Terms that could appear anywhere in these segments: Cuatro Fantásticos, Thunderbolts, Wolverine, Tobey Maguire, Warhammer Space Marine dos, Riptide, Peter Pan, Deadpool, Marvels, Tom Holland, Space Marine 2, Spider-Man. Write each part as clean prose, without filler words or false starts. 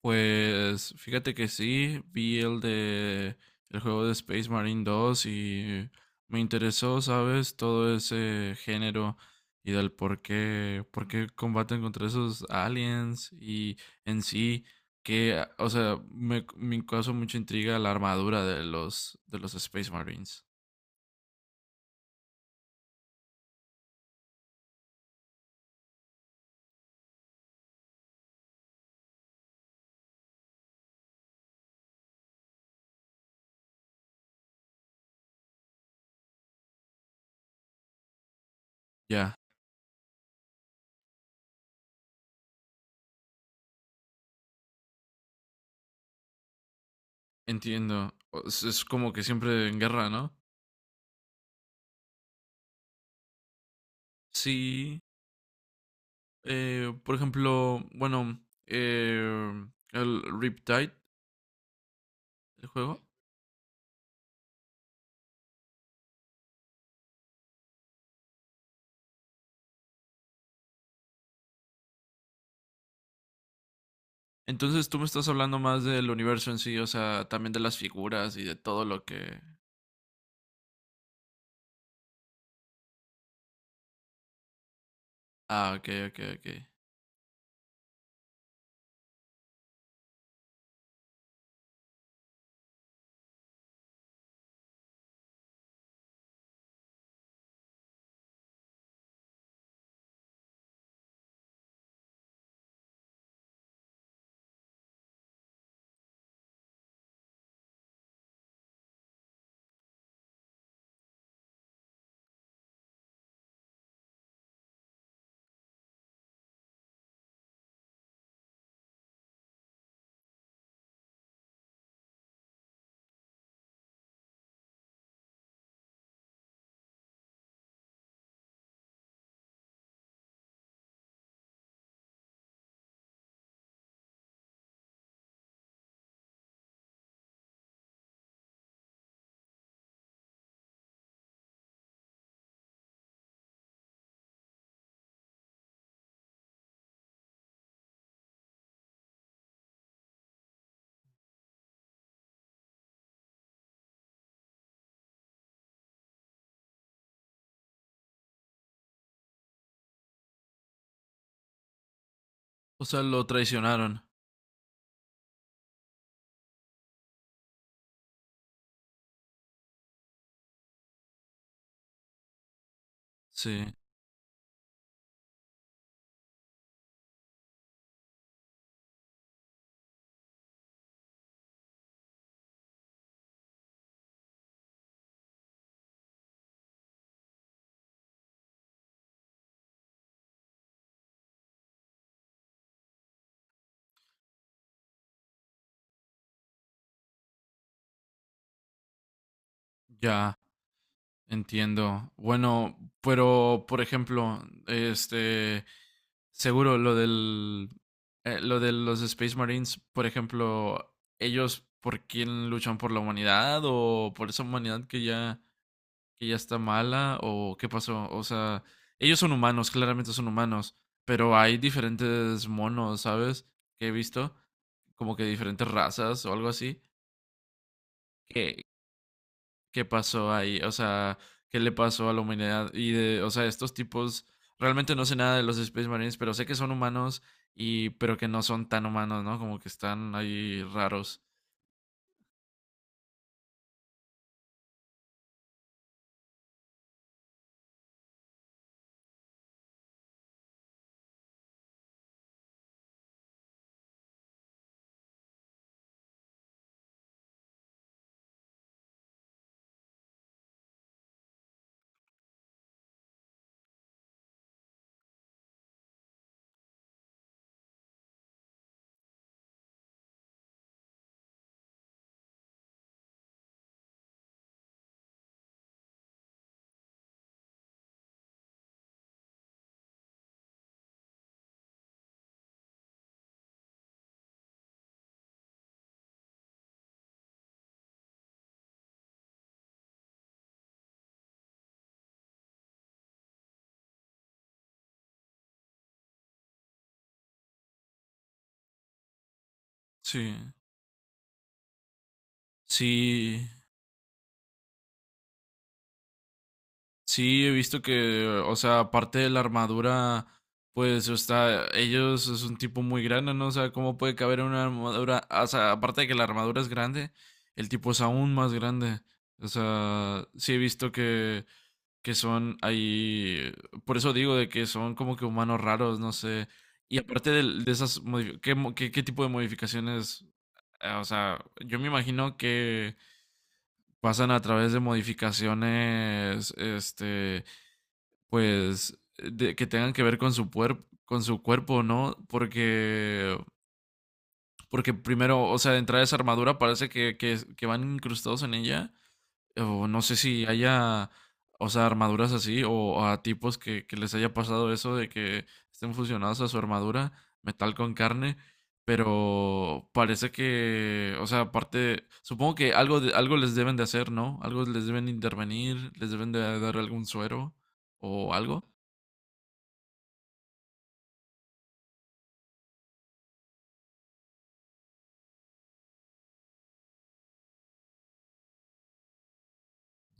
Pues fíjate que sí, vi el juego de Space Marine 2 y me interesó, ¿sabes? Todo ese género y del por qué combaten contra esos aliens y en sí que, o sea, me causó mucha intriga la armadura de los Space Marines. Ya, entiendo. Es como que siempre en guerra, ¿no? Sí. Por ejemplo, bueno, el Riptide, el juego. Entonces tú me estás hablando más del universo en sí, o sea, también de las figuras y de todo lo que. Ah, ok, ok, ok. O sea, lo traicionaron. Sí, ya, entiendo. Bueno, pero, por ejemplo, este. Seguro lo del. Lo de los Space Marines, por ejemplo, ¿ellos por quién luchan, por la humanidad o por esa humanidad que ya está mala o qué pasó? O sea, ellos son humanos, claramente son humanos, pero hay diferentes monos, ¿sabes? Que he visto, como que diferentes razas o algo así. ¿Qué, qué pasó ahí? O sea, ¿qué le pasó a la humanidad? Y o sea, estos tipos, realmente no sé nada de los Space Marines, pero sé que son humanos y, pero que no son tan humanos, ¿no? Como que están ahí raros. Sí, sí, sí, he visto que, o sea, aparte de la armadura, pues, o sea, ellos es un tipo muy grande, ¿no? O sea, ¿cómo puede caber en una armadura? O sea, aparte de que la armadura es grande, el tipo es aún más grande. O sea, sí he visto que son ahí, por eso digo de que son como que humanos raros, no sé. Y aparte ¿qué tipo de modificaciones? O sea, yo me imagino que pasan a través de modificaciones, este pues, que tengan que ver con su cuerpo, ¿no? Porque primero, o sea, de entrada esa armadura parece que van incrustados en ella. O no sé si haya, o sea, armaduras así, o a tipos que les haya pasado eso de que estén fusionados a su armadura, metal con carne. Pero parece que, o sea, aparte, supongo que algo les deben de hacer, ¿no? Algo les deben intervenir, les deben de dar algún suero o algo.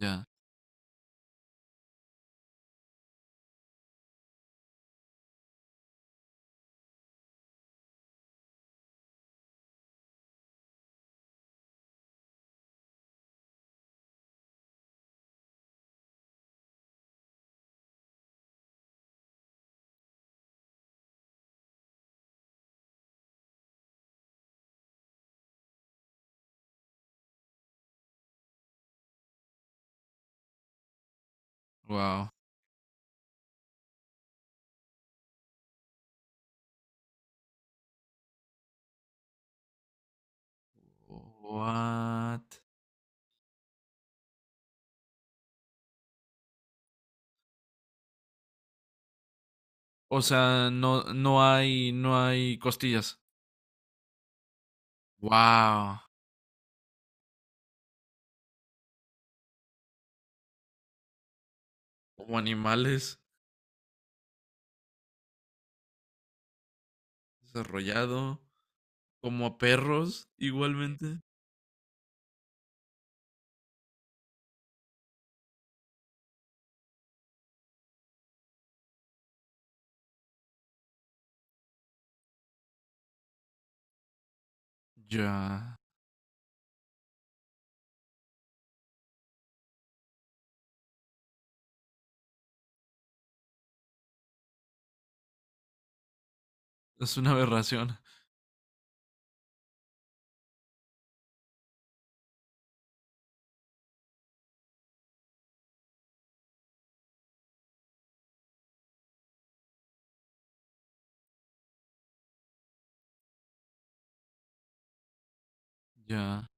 Ya. Wow. What? O sea, no, no hay costillas. Wow. Como animales, desarrollado, como a perros, igualmente. Ya. Es una aberración. Ya.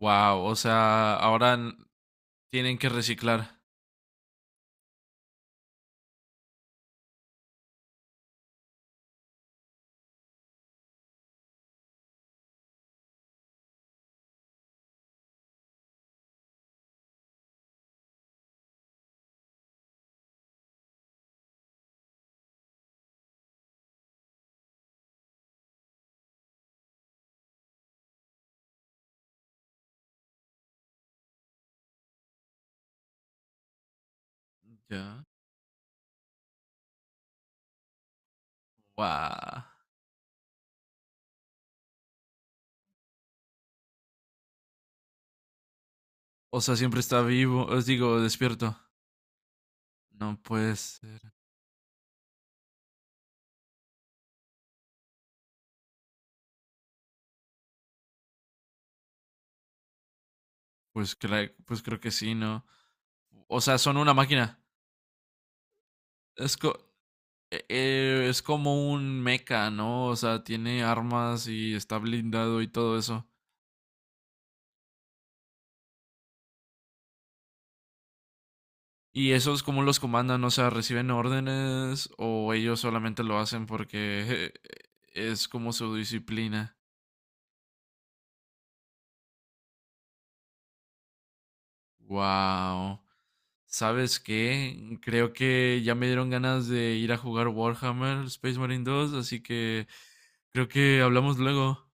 Wow. O sea, ahora tienen que reciclar. Ya. Wow. O sea, siempre está vivo. Os digo, despierto. No puede ser. Pues creo que sí, ¿no? O sea, son una máquina. Es co- es como un mecha, ¿no? O sea, tiene armas y está blindado y todo eso. ¿Y esos cómo los comandan? O sea, ¿reciben órdenes o ellos solamente lo hacen porque es como su disciplina? Wow. ¿Sabes qué? Creo que ya me dieron ganas de ir a jugar Warhammer Space Marine dos, así que creo que hablamos luego.